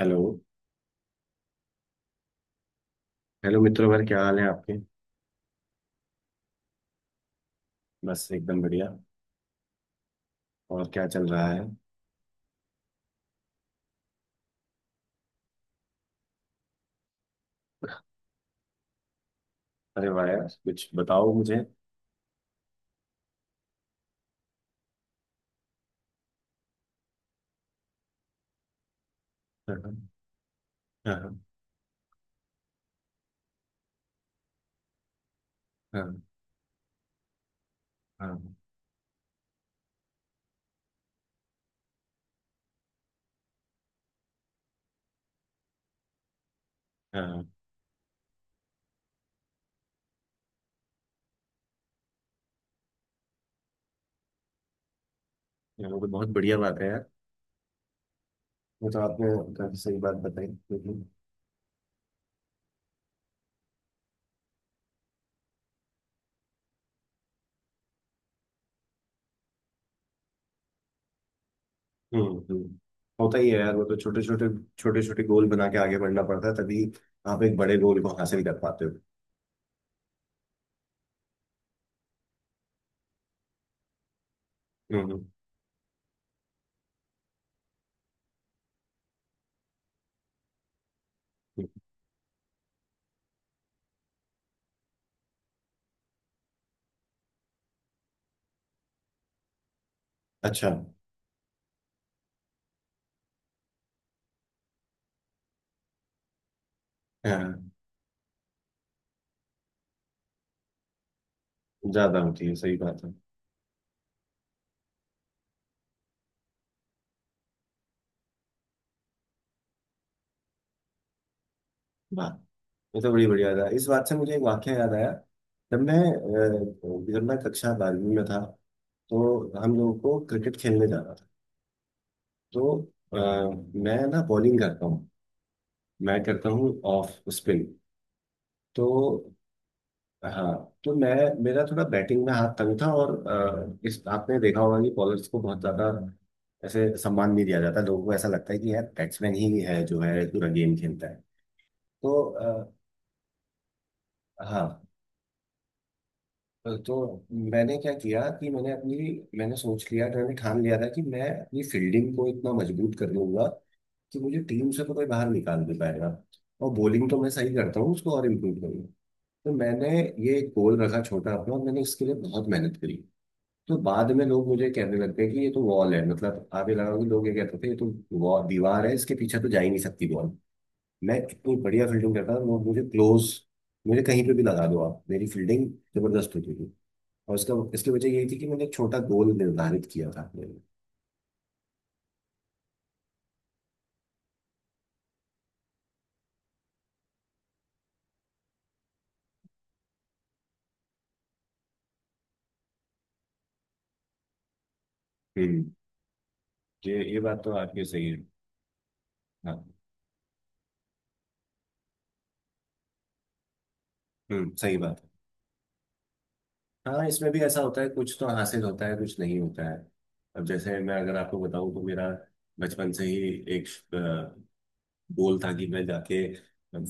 Hello. Hello मित्रों भर, क्या हाल है आपके। बस एकदम बढ़िया। और क्या चल रहा है। अरे वाह यार, कुछ बताओ मुझे। हाँ हाँ। हाँ। हाँ। हाँ। हाँ, ये तो बहुत बढ़िया बात है यार। वो तो आपने काफी सही बात बताई, लेकिन हम्म, होता ही है यार। वो तो छोटे छोटे गोल बना के आगे बढ़ना पड़ता है, तभी आप एक बड़े गोल को हासिल कर पाते हो। हम्म। हम्म। हम्म। अच्छा। हाँ। ज्यादा होती है, सही बात है। वाह, ये तो बड़ी बढ़िया था। इस बात से मुझे एक वाक्य याद आया। जब मैं कक्षा बारहवीं में था, तो हम लोगों को क्रिकेट खेलने जाना था। तो अ, मैं ना बॉलिंग करता हूँ, मैं करता हूँ ऑफ स्पिन। तो हाँ। तो मैं मेरा थोड़ा बैटिंग में हाथ तंग था, और इस आपने देखा होगा कि बॉलर्स को बहुत ज्यादा ऐसे सम्मान नहीं दिया जाता। लोगों को ऐसा लगता है कि यार बैट्समैन ही है जो है पूरा गेम खेलता है। तो आ, हाँ, तो मैंने क्या किया कि मैंने सोच लिया था, मैंने ठान लिया था कि मैं अपनी फील्डिंग को इतना मजबूत कर लूंगा कि मुझे टीम से तो कोई बाहर निकाल नहीं पाएगा, और बॉलिंग तो मैं सही करता हूँ, उसको और इम्प्रूव करूंगा। तो मैंने ये एक गोल रखा छोटा अपना, और मैंने इसके लिए बहुत मेहनत करी। तो बाद में लोग मुझे कहने लग गए कि ये तो वॉल है। मतलब आप ये लगाओ कि लोग ये कहते थे ये तो wall- दीवार है, इसके पीछे तो जा ही नहीं सकती बॉल। मैं इतनी बढ़िया फील्डिंग करता था। लोग मुझे क्लोज मुझे कहीं पे भी लगा दो आप, मेरी फील्डिंग जबरदस्त होती थी। और उसका इसकी वजह यही थी कि मैंने एक छोटा गोल निर्धारित किया था अपने लिए। हम्म। ये बात तो आपकी सही है। हाँ। हम्म, सही बात है। हाँ, इसमें भी ऐसा होता है, कुछ तो हासिल होता है, कुछ नहीं होता है। अब जैसे मैं अगर आपको बताऊं, तो मेरा बचपन से ही एक अ, गोल था कि मैं जाके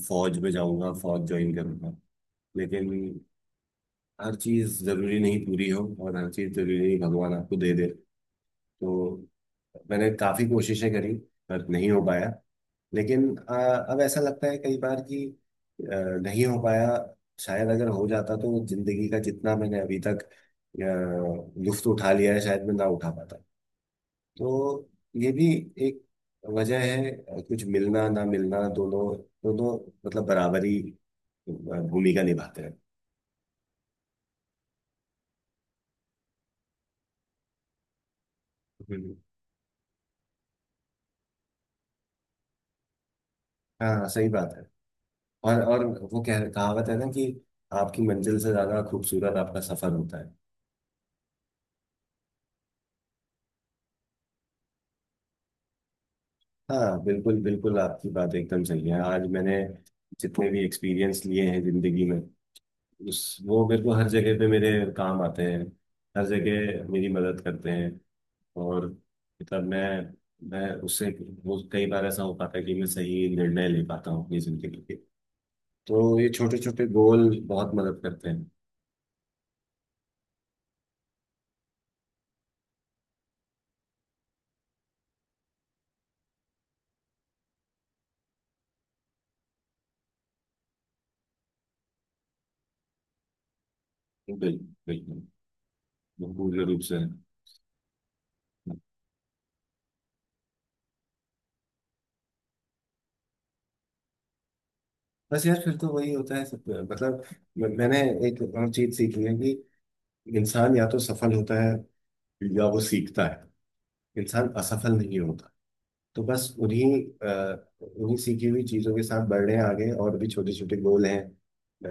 फौज में जाऊंगा, फौज ज्वाइन करूंगा। लेकिन हर चीज जरूरी नहीं पूरी हो, और हर चीज जरूरी नहीं भगवान आपको दे दे। तो मैंने काफ़ी कोशिशें करी, पर नहीं हो पाया। लेकिन अब ऐसा लगता है कई बार कि अ, नहीं हो पाया। शायद अगर हो जाता, तो जिंदगी का जितना मैंने अभी तक लुत्फ उठा लिया है, शायद मैं ना उठा पाता। तो ये भी एक वजह है। कुछ मिलना ना मिलना, दोनों दोनों मतलब बराबरी भूमिका निभाते हैं। हम्म। हाँ सही बात है। और वो कह कहावत है ना कि आपकी मंजिल से ज्यादा खूबसूरत आपका सफर होता है। हाँ बिल्कुल बिल्कुल, आपकी बात एकदम सही है। आज मैंने जितने भी एक्सपीरियंस लिए हैं जिंदगी में, उस वो मेरे को हर जगह पे मेरे काम आते हैं, हर जगह मेरी मदद करते हैं। और मतलब मैं उससे, वो कई बार ऐसा हो पाता है कि मैं सही निर्णय ले पाता हूँ अपनी जिंदगी के। तो ये छोटे छोटे गोल बहुत मदद करते हैं। बिल्कुल बिल्कुल, पूर्ण रूप से। बस यार, फिर तो वही होता है सब। मतलब मैंने एक और चीज सीखी है कि इंसान या तो सफल होता है, या वो सीखता है, इंसान असफल नहीं होता। तो बस उन्हीं सीखी हुई चीजों के साथ बढ़ रहे हैं आगे। और भी छोटे छोटे गोल हैं। अ,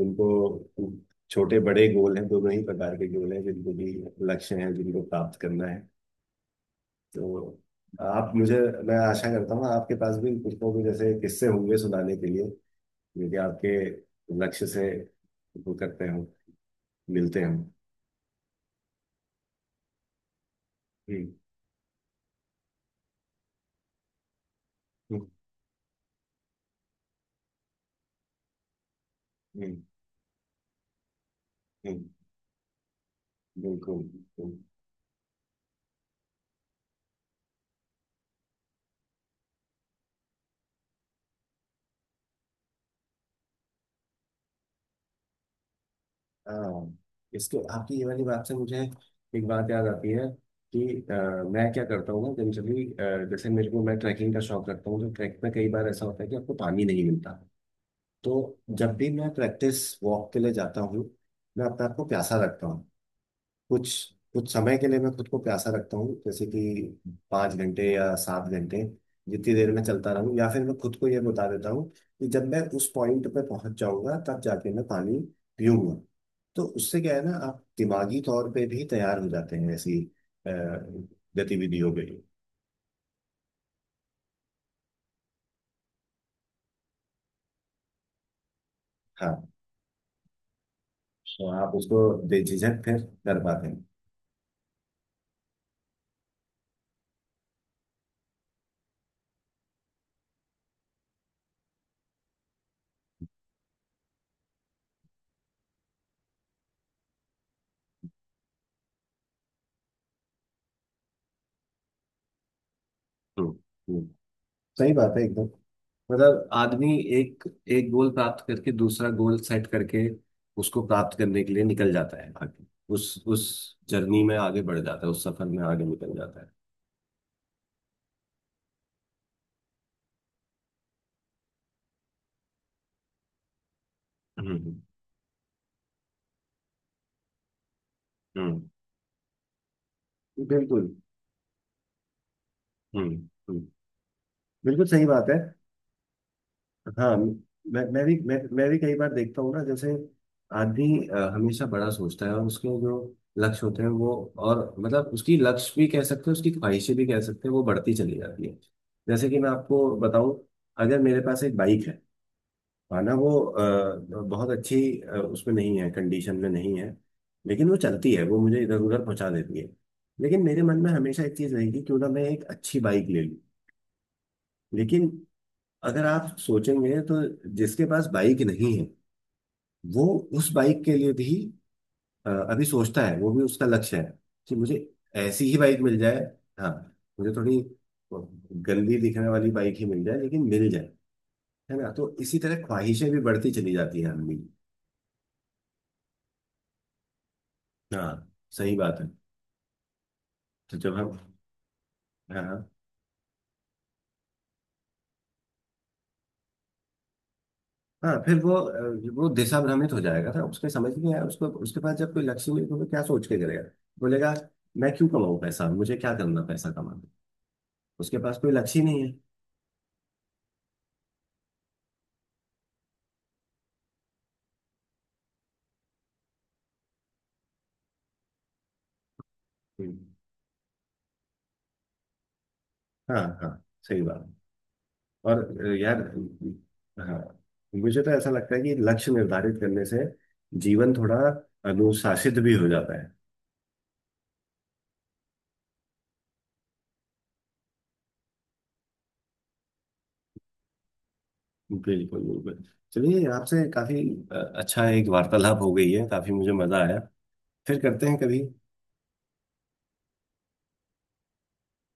उनको छोटे बड़े गोल हैं, दोनों ही प्रकार के गोल हैं, जिनको भी लक्ष्य हैं, जिनको प्राप्त करना है। तो आप मुझे मैं आशा करता हूँ आपके पास भी कुछ ना कुछ ऐसे किस्से होंगे सुनाने के लिए, यदि आपके लक्ष्य से वो करते हो, मिलते हो। हम्म। हम्म। हम्म। हम्म, बिल्कुल बिल्कुल। हाँ, इसके आपकी ये वाली बात से मुझे एक बात याद आती है कि अ, मैं क्या करता हूँ ना जनरली। जैसे मेरे को मैं ट्रैकिंग का शौक रखता हूँ, तो ट्रैक में कई बार ऐसा होता है कि आपको पानी नहीं मिलता। तो जब भी मैं प्रैक्टिस वॉक के लिए जाता हूँ, मैं अपने आप को प्यासा रखता हूँ। कुछ कुछ समय के लिए मैं खुद को प्यासा रखता हूँ, जैसे कि पाँच घंटे या सात घंटे, जितनी देर में चलता रहूँ। या फिर मैं खुद को ये बता देता हूँ कि जब मैं उस पॉइंट पे पहुंच जाऊंगा, तब जाके मैं पानी पीऊंगा। तो उससे क्या है ना, आप दिमागी तौर पे भी तैयार हो जाते हैं। ऐसी अ, गतिविधि हो गई। हाँ। तो आप उसको बेझिझक फिर कर पाते हैं। हम्म। हम्म। सही बात है एकदम। मतलब आदमी एक एक गोल प्राप्त करके, दूसरा गोल सेट करके उसको प्राप्त करने के लिए निकल जाता है आगे। उस जर्नी में आगे बढ़ जाता है, उस सफर में आगे निकल जाता है। हम्म। हम्म। बिल्कुल। हम्म। हम्म। बिल्कुल सही बात है। हाँ, मैं भी कई बार देखता हूँ ना। जैसे आदमी हमेशा बड़ा सोचता है, और उसके जो लक्ष्य होते हैं वो, और मतलब उसकी लक्ष्य भी कह सकते हैं, उसकी ख्वाहिशें भी कह सकते हैं, वो बढ़ती चली जाती है। जैसे कि मैं आपको बताऊं, अगर मेरे पास एक बाइक है, माना वो उसमें नहीं है, कंडीशन में नहीं है, लेकिन वो चलती है, वो मुझे इधर उधर पहुंचा देती है। लेकिन मेरे मन में हमेशा एक चीज रहेगी, क्यों ना मैं एक अच्छी बाइक ले लूं। लेकिन अगर आप सोचेंगे, तो जिसके पास बाइक नहीं है, वो उस बाइक के लिए भी अभी सोचता है, वो भी उसका लक्ष्य है कि मुझे ऐसी ही बाइक मिल जाए। हाँ, मुझे थोड़ी गंदी दिखने वाली बाइक ही मिल जाए, लेकिन मिल जाए, है ना। तो इसी तरह ख्वाहिशें भी बढ़ती चली जाती हैं आदमी की। हाँ सही बात है। तो जब हम हाँ। हाँ। हाँ, फिर वो वो दिशा भ्रमित हो जाएगा ना। उसके समझ नहीं आया, उसको उसके पास जब कोई लक्ष्य नहीं है, तो वो क्या सोच के करेगा, बोलेगा मैं क्यों कमाऊँ पैसा, मुझे क्या करना पैसा कमा। उसके पास कोई लक्ष्य ही नहीं है। हाँ। हाँ सही बात। और यार, हाँ, मुझे तो ऐसा लगता है कि लक्ष्य निर्धारित करने से जीवन थोड़ा अनुशासित भी हो जाता है। बिल्कुल बिल्कुल। चलिए, आपसे काफी अ, अच्छा एक वार्तालाप हो गई है, काफी मुझे मजा आया, फिर करते हैं कभी।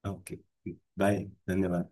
Okay, bye. धन्यवाद।